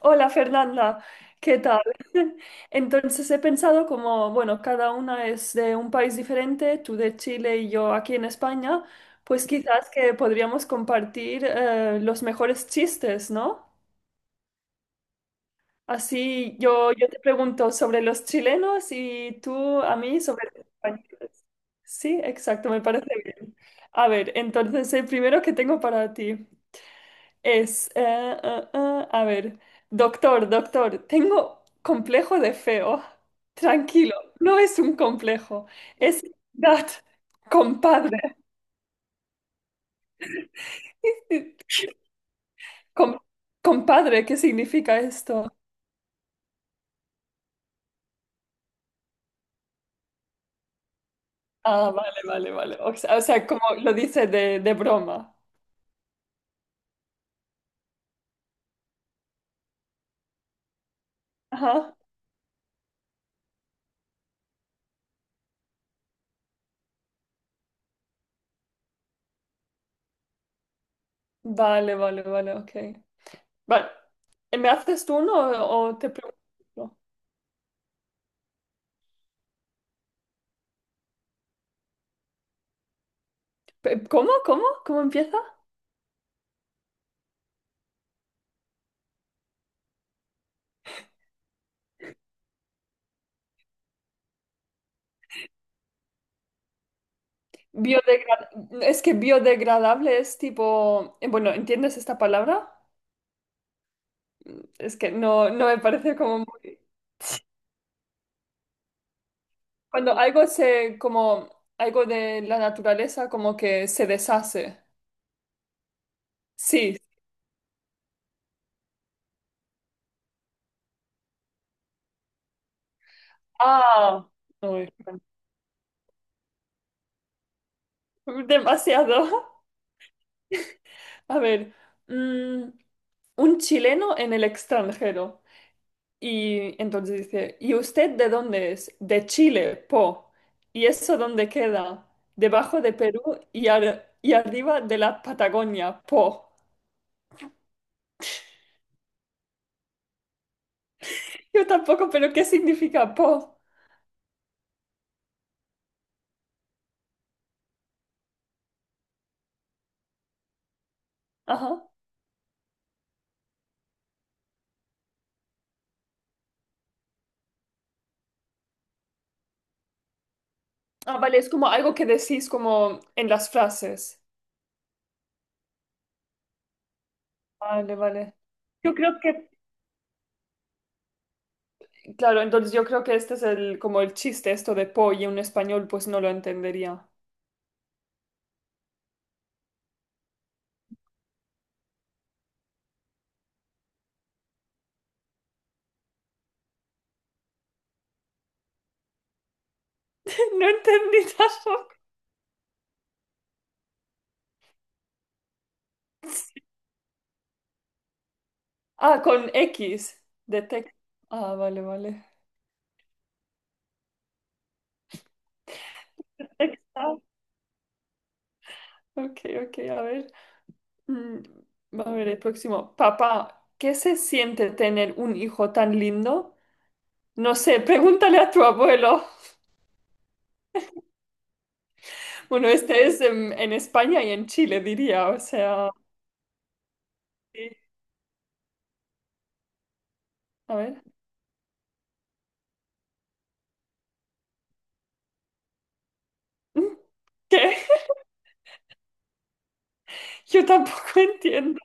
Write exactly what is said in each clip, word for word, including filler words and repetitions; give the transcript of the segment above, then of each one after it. Hola Fernanda, ¿qué tal? Entonces he pensado como, bueno, cada una es de un país diferente, tú de Chile y yo aquí en España, pues quizás que podríamos compartir eh, los mejores chistes, ¿no? Así yo, yo te pregunto sobre los chilenos y tú a mí sobre los españoles. Sí, exacto, me parece bien. A ver, entonces el primero que tengo para ti. Es, eh, eh, eh, a ver, doctor, doctor, tengo complejo de feo. Tranquilo, no es un complejo, es that, compadre. Com- Compadre, ¿qué significa esto? Ah, vale, vale, vale. O sea, o sea, como lo dice de, de broma. Ajá. Vale, vale, vale, ok. Vale. ¿Me haces tú uno o o te pregunto? Pe- ¿Cómo? ¿Cómo? ¿Cómo empieza? Biodegra- es que biodegradable es tipo, eh, bueno, ¿entiendes esta palabra? Es que no, no me parece como muy... Cuando algo se, como algo de la naturaleza, como que se deshace. Sí. Ah, uy, demasiado. A ver, mm, un chileno en el extranjero. Y entonces dice, ¿y usted de dónde es? De Chile, po. ¿Y eso dónde queda? Debajo de Perú y, ar- y arriba de la Patagonia, po. Yo tampoco, pero ¿qué significa po? Ajá. Ah, vale, es como algo que decís como en las frases. Vale, vale. Yo creo que, claro, entonces yo creo que este es el, como el chiste, esto de po, y un español pues no lo entendería. No entendí tampoco. Ah, con X, de tex- Ah, vale, vale. Exacto. Ok, ok, a ver. Mm, a ver, el próximo. Papá, ¿qué se siente tener un hijo tan lindo? No sé, pregúntale a tu abuelo. Bueno, este es en, en España y en Chile, diría, o sea. Sí. A ver. Mm. ¿Qué? Yo tampoco entiendo.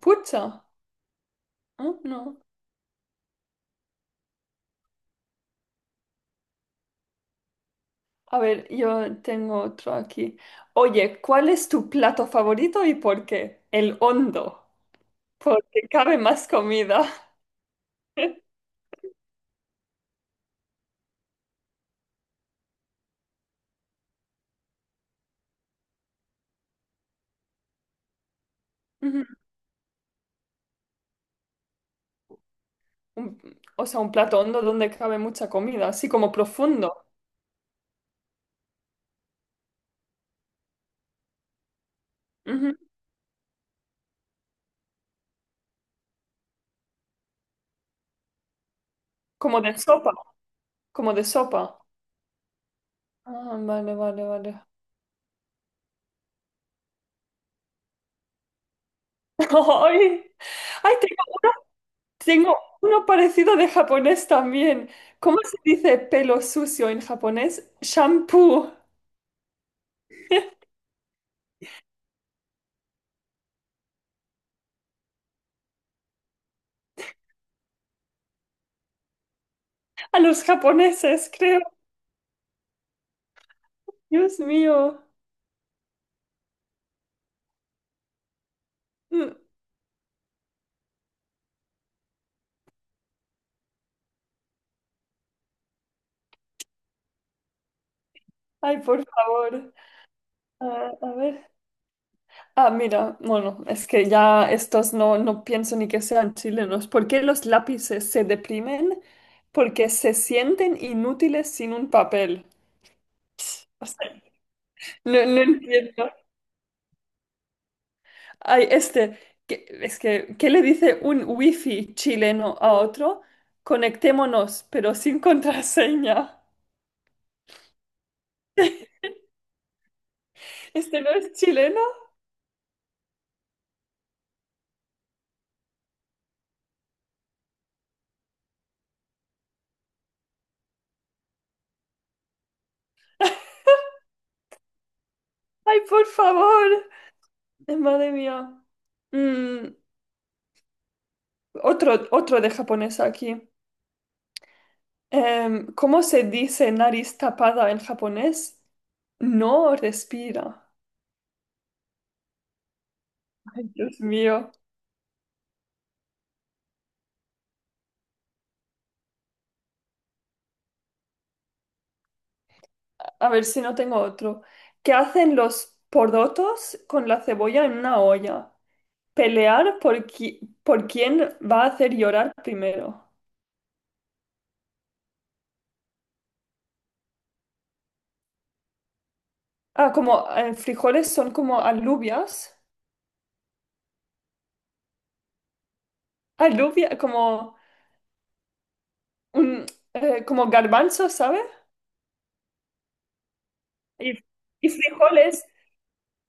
Pucha. Ah, no. A ver, yo tengo otro aquí. Oye, ¿cuál es tu plato favorito y por qué? El hondo, porque cabe más comida. Ujú. un- o sea, un plato hondo donde cabe mucha comida, así como profundo. Ujú. Como de sopa, como de sopa. Ah, vale, vale, vale. ¡Ay! ¡Ay, tengo, tengo uno parecido de japonés también! ¿Cómo se dice pelo sucio en japonés? Shampoo. A los japoneses, creo. Dios mío. Mm. Ay, por favor. Ah, a ver. Ah, mira, bueno, es que ya estos no, no pienso ni que sean chilenos. ¿Por qué los lápices se deprimen? Porque se sienten inútiles sin un papel. O sea, no, no entiendo. Ay, este, que- es que, ¿qué le dice un wifi chileno a otro? Conectémonos, pero sin contraseña. ¿Este no es chileno? Ay, por favor. Madre mía. Mm, otro, otro de japonés aquí. Em, ¿cómo se dice nariz tapada en japonés? No respira. Ay, Dios mío. A ver si no tengo otro. ¿Qué hacen los porotos con la cebolla en una olla? Pelear por, qui- por quién va a hacer llorar primero. Ah, como eh, frijoles son como alubias. Alubia, como un, eh, como garbanzo, ¿sabe? Y, y frijoles.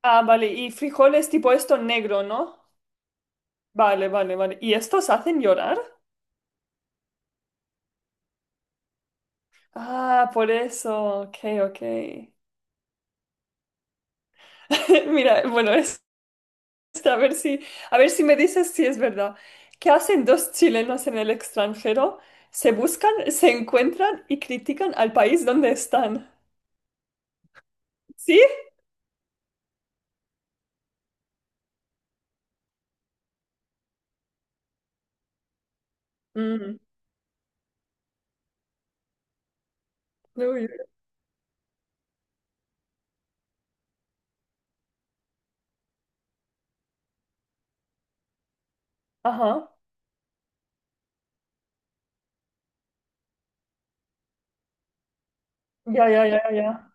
Ah, vale. Y frijoles tipo esto negro, ¿no? Vale, vale, vale. ¿Y estos hacen llorar? Ah, por eso. Ok, ok. Mira, bueno, es, a ver si, a ver si me dices si es verdad. ¿Qué hacen dos chilenos en el extranjero? Se buscan, se encuentran y critican al país donde están. ¿Sí? Mm. Uy. Ajá. Ya, ya, ya, ya.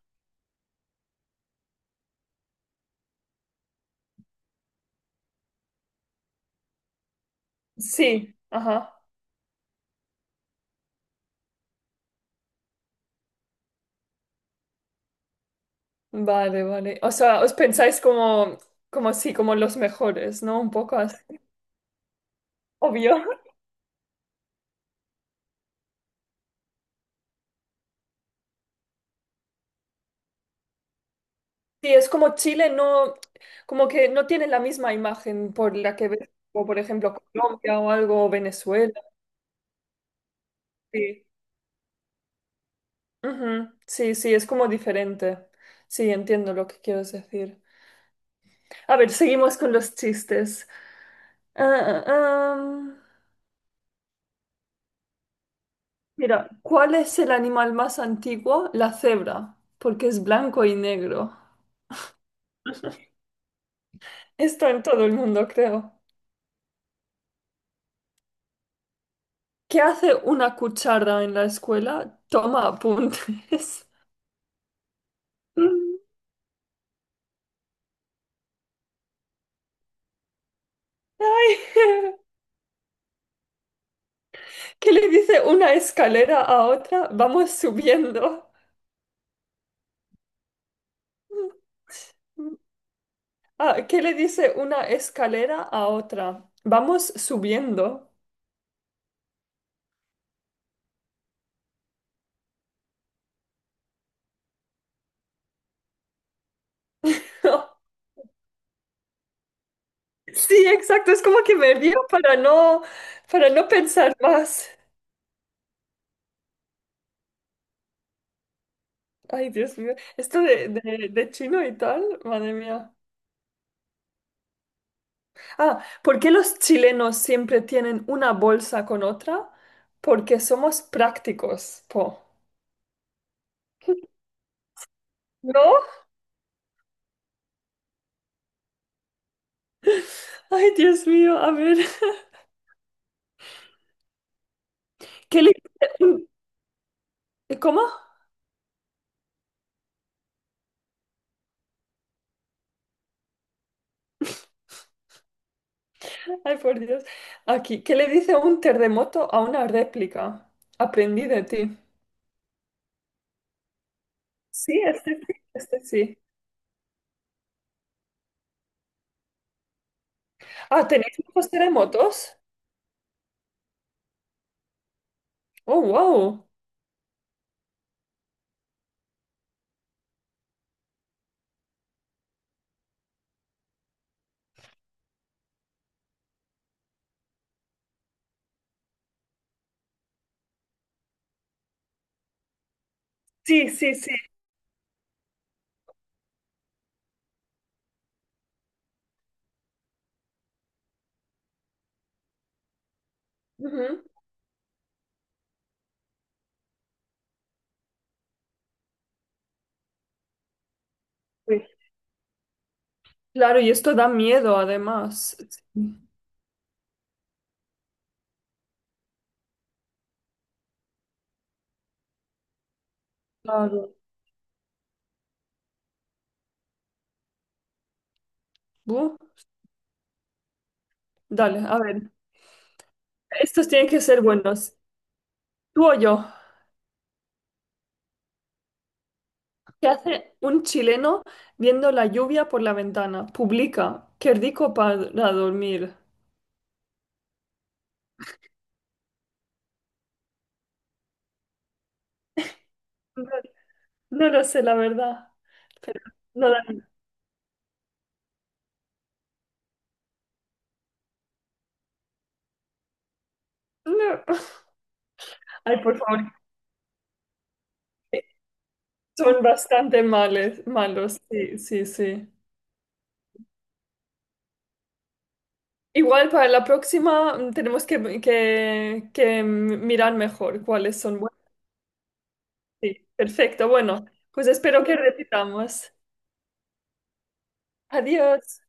Sí, ajá. Vale, vale. O sea, os pensáis como, como sí, como los mejores, ¿no? Un poco así. Obvio. Sí, es como Chile no, como que no tiene la misma imagen por la que ves, como por ejemplo Colombia o algo, o Venezuela. Sí. Ujú, sí, sí, es como diferente. Sí, entiendo lo que quieres decir. A ver, seguimos con los chistes. Ah, ah, am. Mira, ¿cuál es el animal más antiguo? La cebra, porque es blanco y negro. Esto en todo el mundo, creo. ¿Qué hace una cuchara en la escuela? Toma apuntes. Ay, ¿qué le dice una escalera a otra? Vamos subiendo. Ah, ¿qué le dice una escalera a otra? Vamos subiendo. Sí, exacto. Es como que me río para no, para no pensar más. Ay, Dios mío. Esto de, de- de chino y tal, madre mía. Ah, ¿por qué los chilenos siempre tienen una bolsa con otra? Porque somos prácticos, po. ¿No? Ay, Dios mío, a ver. ¿qué le dice un- ¿Cómo? Ay, por Dios. Aquí, ¿qué le dice un terremoto a una réplica? Aprendí de ti. Sí, este sí, este sí. Ah, ¿tenéis muchos terremotos? Oh, wow. Sí, sí, sí. Ujú. Sí. Claro, y esto da miedo además. Sí, claro. Bu. Dale, a ver. Estos tienen que ser buenos. ¿Tú o yo? ¿Qué hace un chileno viendo la lluvia por la ventana? Publica. Qué rico para dormir. No, no lo sé, la verdad. Pero no, la- no. Ay, por favor. Son bastante males, malos. Sí, sí, sí. Igual para la próxima mm, tenemos que, que- que mirar mejor cuáles son buenos. Sí, perfecto. Bueno, pues espero que repitamos. Adiós.